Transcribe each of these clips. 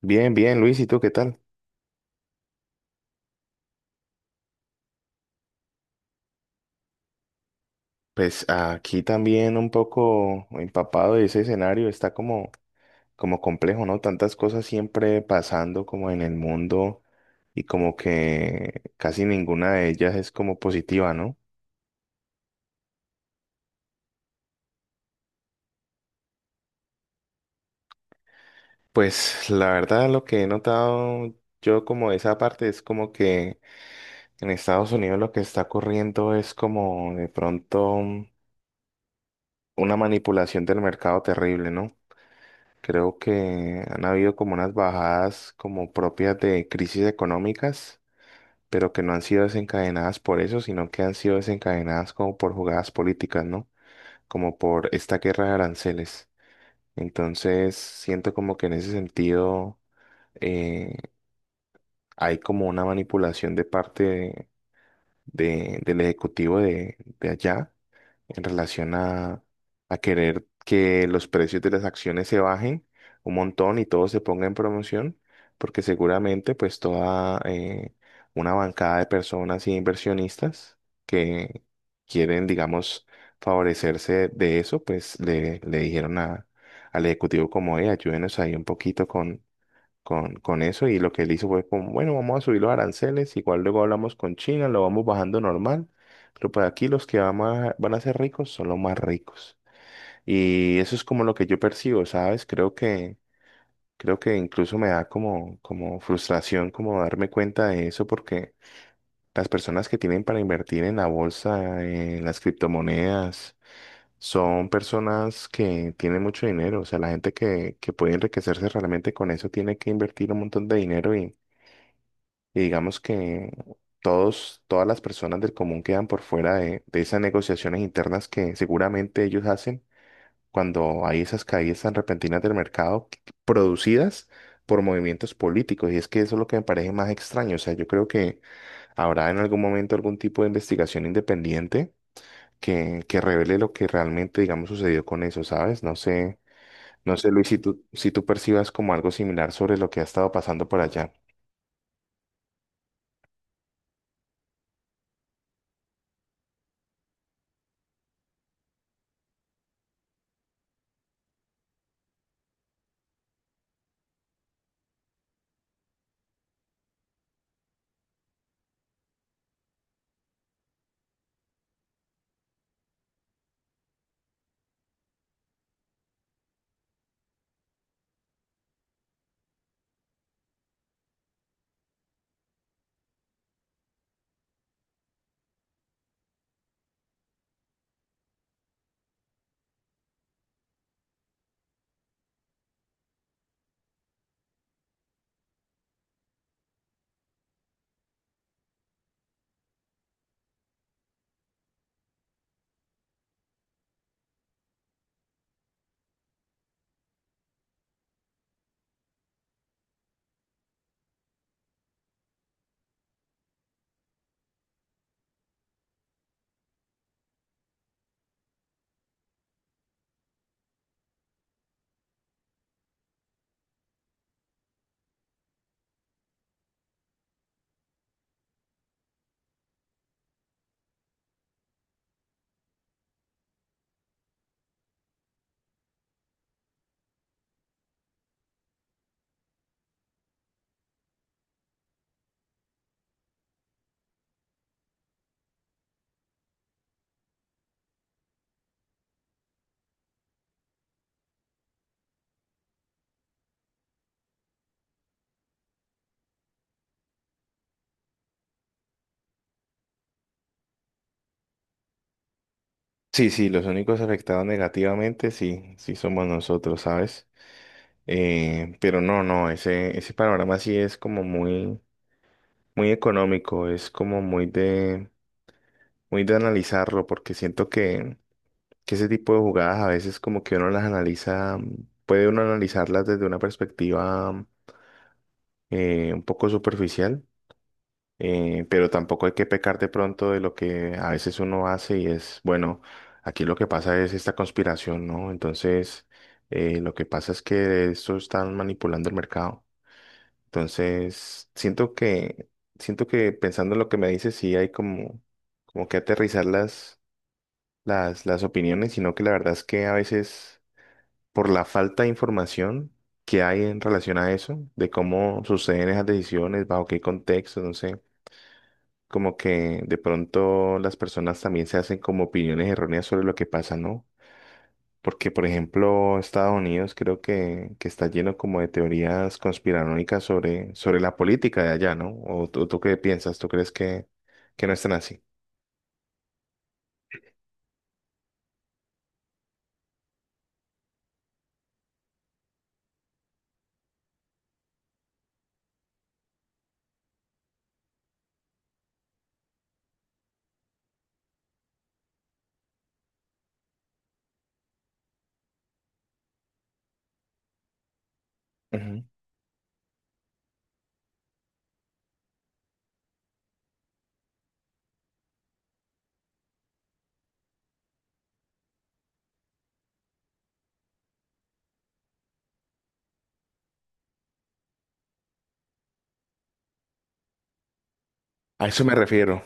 Bien, bien, Luis, ¿y tú qué tal? Pues aquí también un poco empapado de ese escenario, está como, como complejo, ¿no? Tantas cosas siempre pasando como en el mundo y como que casi ninguna de ellas es como positiva, ¿no? Pues la verdad lo que he notado yo como de esa parte es como que en Estados Unidos lo que está ocurriendo es como de pronto una manipulación del mercado terrible, ¿no? Creo que han habido como unas bajadas como propias de crisis económicas, pero que no han sido desencadenadas por eso, sino que han sido desencadenadas como por jugadas políticas, ¿no? Como por esta guerra de aranceles. Entonces, siento como que en ese sentido eh, hay como una manipulación de parte del ejecutivo de allá en relación a querer que los precios de las acciones se bajen un montón y todo se ponga en promoción, porque seguramente pues toda una bancada de personas y inversionistas que quieren, digamos, favorecerse de eso, pues le dijeron a, al ejecutivo como, ayúdenos ahí un poquito con con eso y lo que él hizo fue como, bueno, vamos a subir los aranceles, igual luego hablamos con China, lo vamos bajando normal, pero pues aquí los que van a, van a ser ricos son los más ricos. Y eso es como lo que yo percibo, ¿sabes? Creo que incluso me da como, como frustración como darme cuenta de eso porque las personas que tienen para invertir en la bolsa, en las criptomonedas, son personas que tienen mucho dinero, o sea, la gente que puede enriquecerse realmente con eso tiene que invertir un montón de dinero y digamos que todos, todas las personas del común quedan por fuera de esas negociaciones internas que seguramente ellos hacen cuando hay esas caídas tan repentinas producidas por movimientos políticos. Y es que eso es lo que me parece más extraño. O sea, yo creo que habrá en algún momento algún tipo de investigación independiente que revele lo que realmente, digamos, sucedió con eso, ¿sabes? No sé, no sé, Luis, si tú, si tú percibas como algo similar sobre lo que ha estado pasando por allá. Sí, sí, los únicos afectados negativamente, sí, sí somos nosotros, ¿sabes? Pero no, no, ese panorama sí es como muy, muy económico, es como muy de analizarlo, porque siento que ese tipo de jugadas a veces como que uno las analiza, puede uno analizarlas desde una perspectiva un poco superficial. Pero tampoco hay que pecar de pronto de lo que a veces uno hace y es, bueno, aquí lo que pasa es esta conspiración, ¿no? Entonces, lo que pasa es que esto están manipulando el mercado. Entonces, siento que pensando en lo que me dices, sí hay como, como que aterrizar las opiniones, sino que la verdad es que a veces por la falta de información que hay en relación a eso, de cómo suceden esas decisiones, bajo qué contexto, no sé como que de pronto las personas también se hacen como opiniones erróneas sobre lo que pasa, ¿no? Porque, por ejemplo, Estados Unidos creo que está lleno como de teorías conspiranoicas sobre, sobre la política de allá, ¿no? ¿O tú qué piensas? ¿Tú crees que no están así? Ujú. A eso me refiero.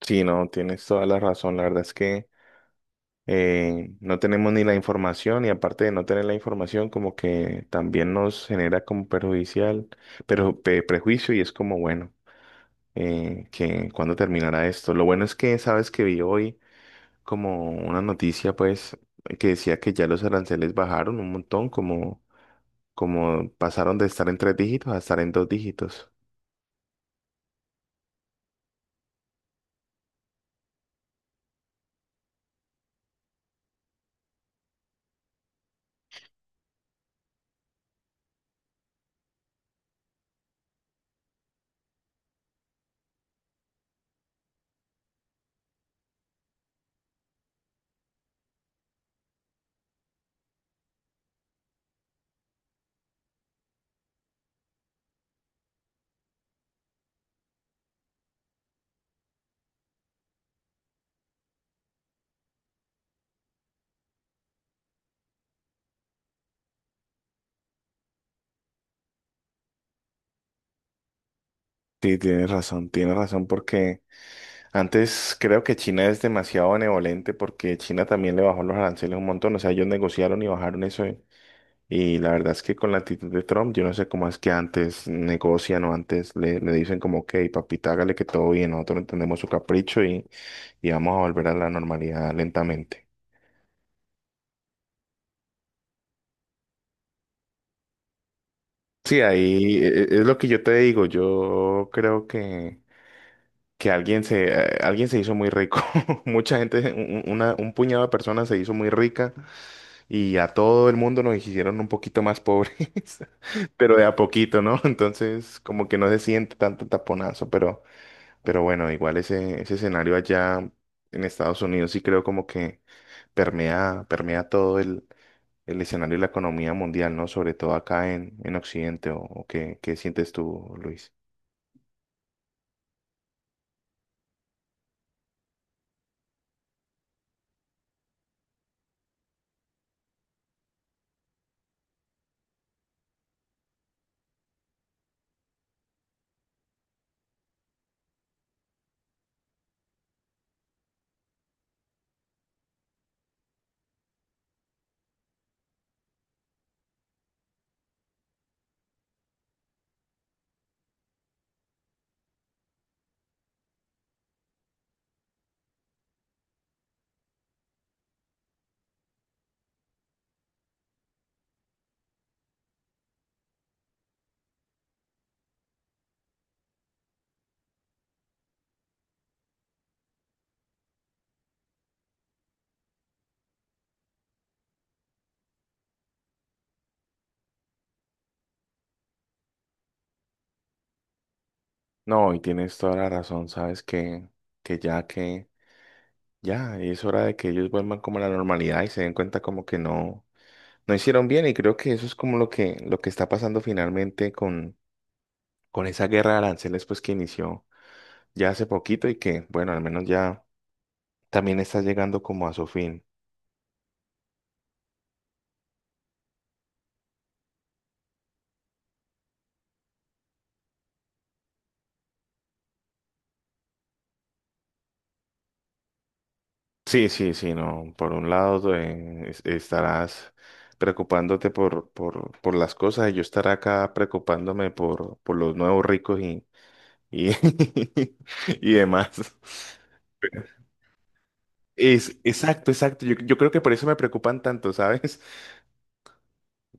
Sí, no, tienes toda la razón. La verdad es que no tenemos ni la información y aparte de no tener la información, como que también nos genera como perjudicial, pero prejuicio y es como bueno. Eh, que cuándo terminará esto. Lo bueno es que sabes que vi hoy como una noticia, pues, que decía que ya los aranceles bajaron un montón, como, como pasaron de estar en tres dígitos a estar en dos dígitos. Sí, tienes razón, porque antes creo que China es demasiado benevolente, porque China también le bajó los aranceles un montón, o sea, ellos negociaron y bajaron eso. Y la verdad es que con la actitud de Trump, yo no sé cómo es que antes negocian o antes le, le dicen como, ok, papita, hágale que todo bien, nosotros entendemos su capricho y vamos a volver a la normalidad lentamente. Sí, ahí es lo que yo te digo, yo creo que alguien se hizo muy rico, mucha gente, un puñado de personas se hizo muy rica y a todo el mundo nos hicieron un poquito más pobres, pero de a poquito, ¿no? Entonces como que no se siente tanto taponazo, pero... Pero bueno, igual ese, ese escenario allá en Estados Unidos sí creo como que permea, permea todo el escenario de la economía mundial, ¿no? Sobre todo acá en Occidente, o qué, qué sientes tú, Luis? No, y tienes toda la razón, sabes que ya es hora de que ellos vuelvan como a la normalidad y se den cuenta como que no, no hicieron bien y creo que eso es como lo que está pasando finalmente con esa guerra de aranceles pues que inició ya hace poquito y que bueno, al menos ya también está llegando como a su fin. Sí, sí, sí, no. Por un lado, estarás preocupándote por las cosas y yo estaré acá preocupándome por los nuevos ricos y, y demás. Es, exacto, exacto. Yo creo que por eso me preocupan tanto, ¿sabes?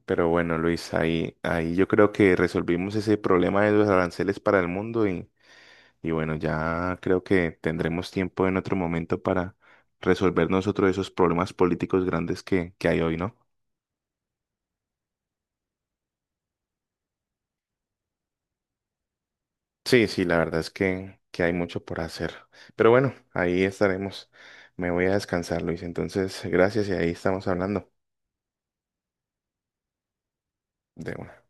Pero bueno, Luis, ahí, ahí yo creo que resolvimos ese problema de los aranceles para el mundo. Y bueno, ya creo que tendremos tiempo en otro momento para resolver nosotros esos problemas políticos grandes que hay hoy, ¿no? Sí, sí, la verdad es que hay mucho por hacer. Pero bueno, ahí estaremos. Me voy a descansar, Luis. Entonces, gracias y ahí estamos hablando de una.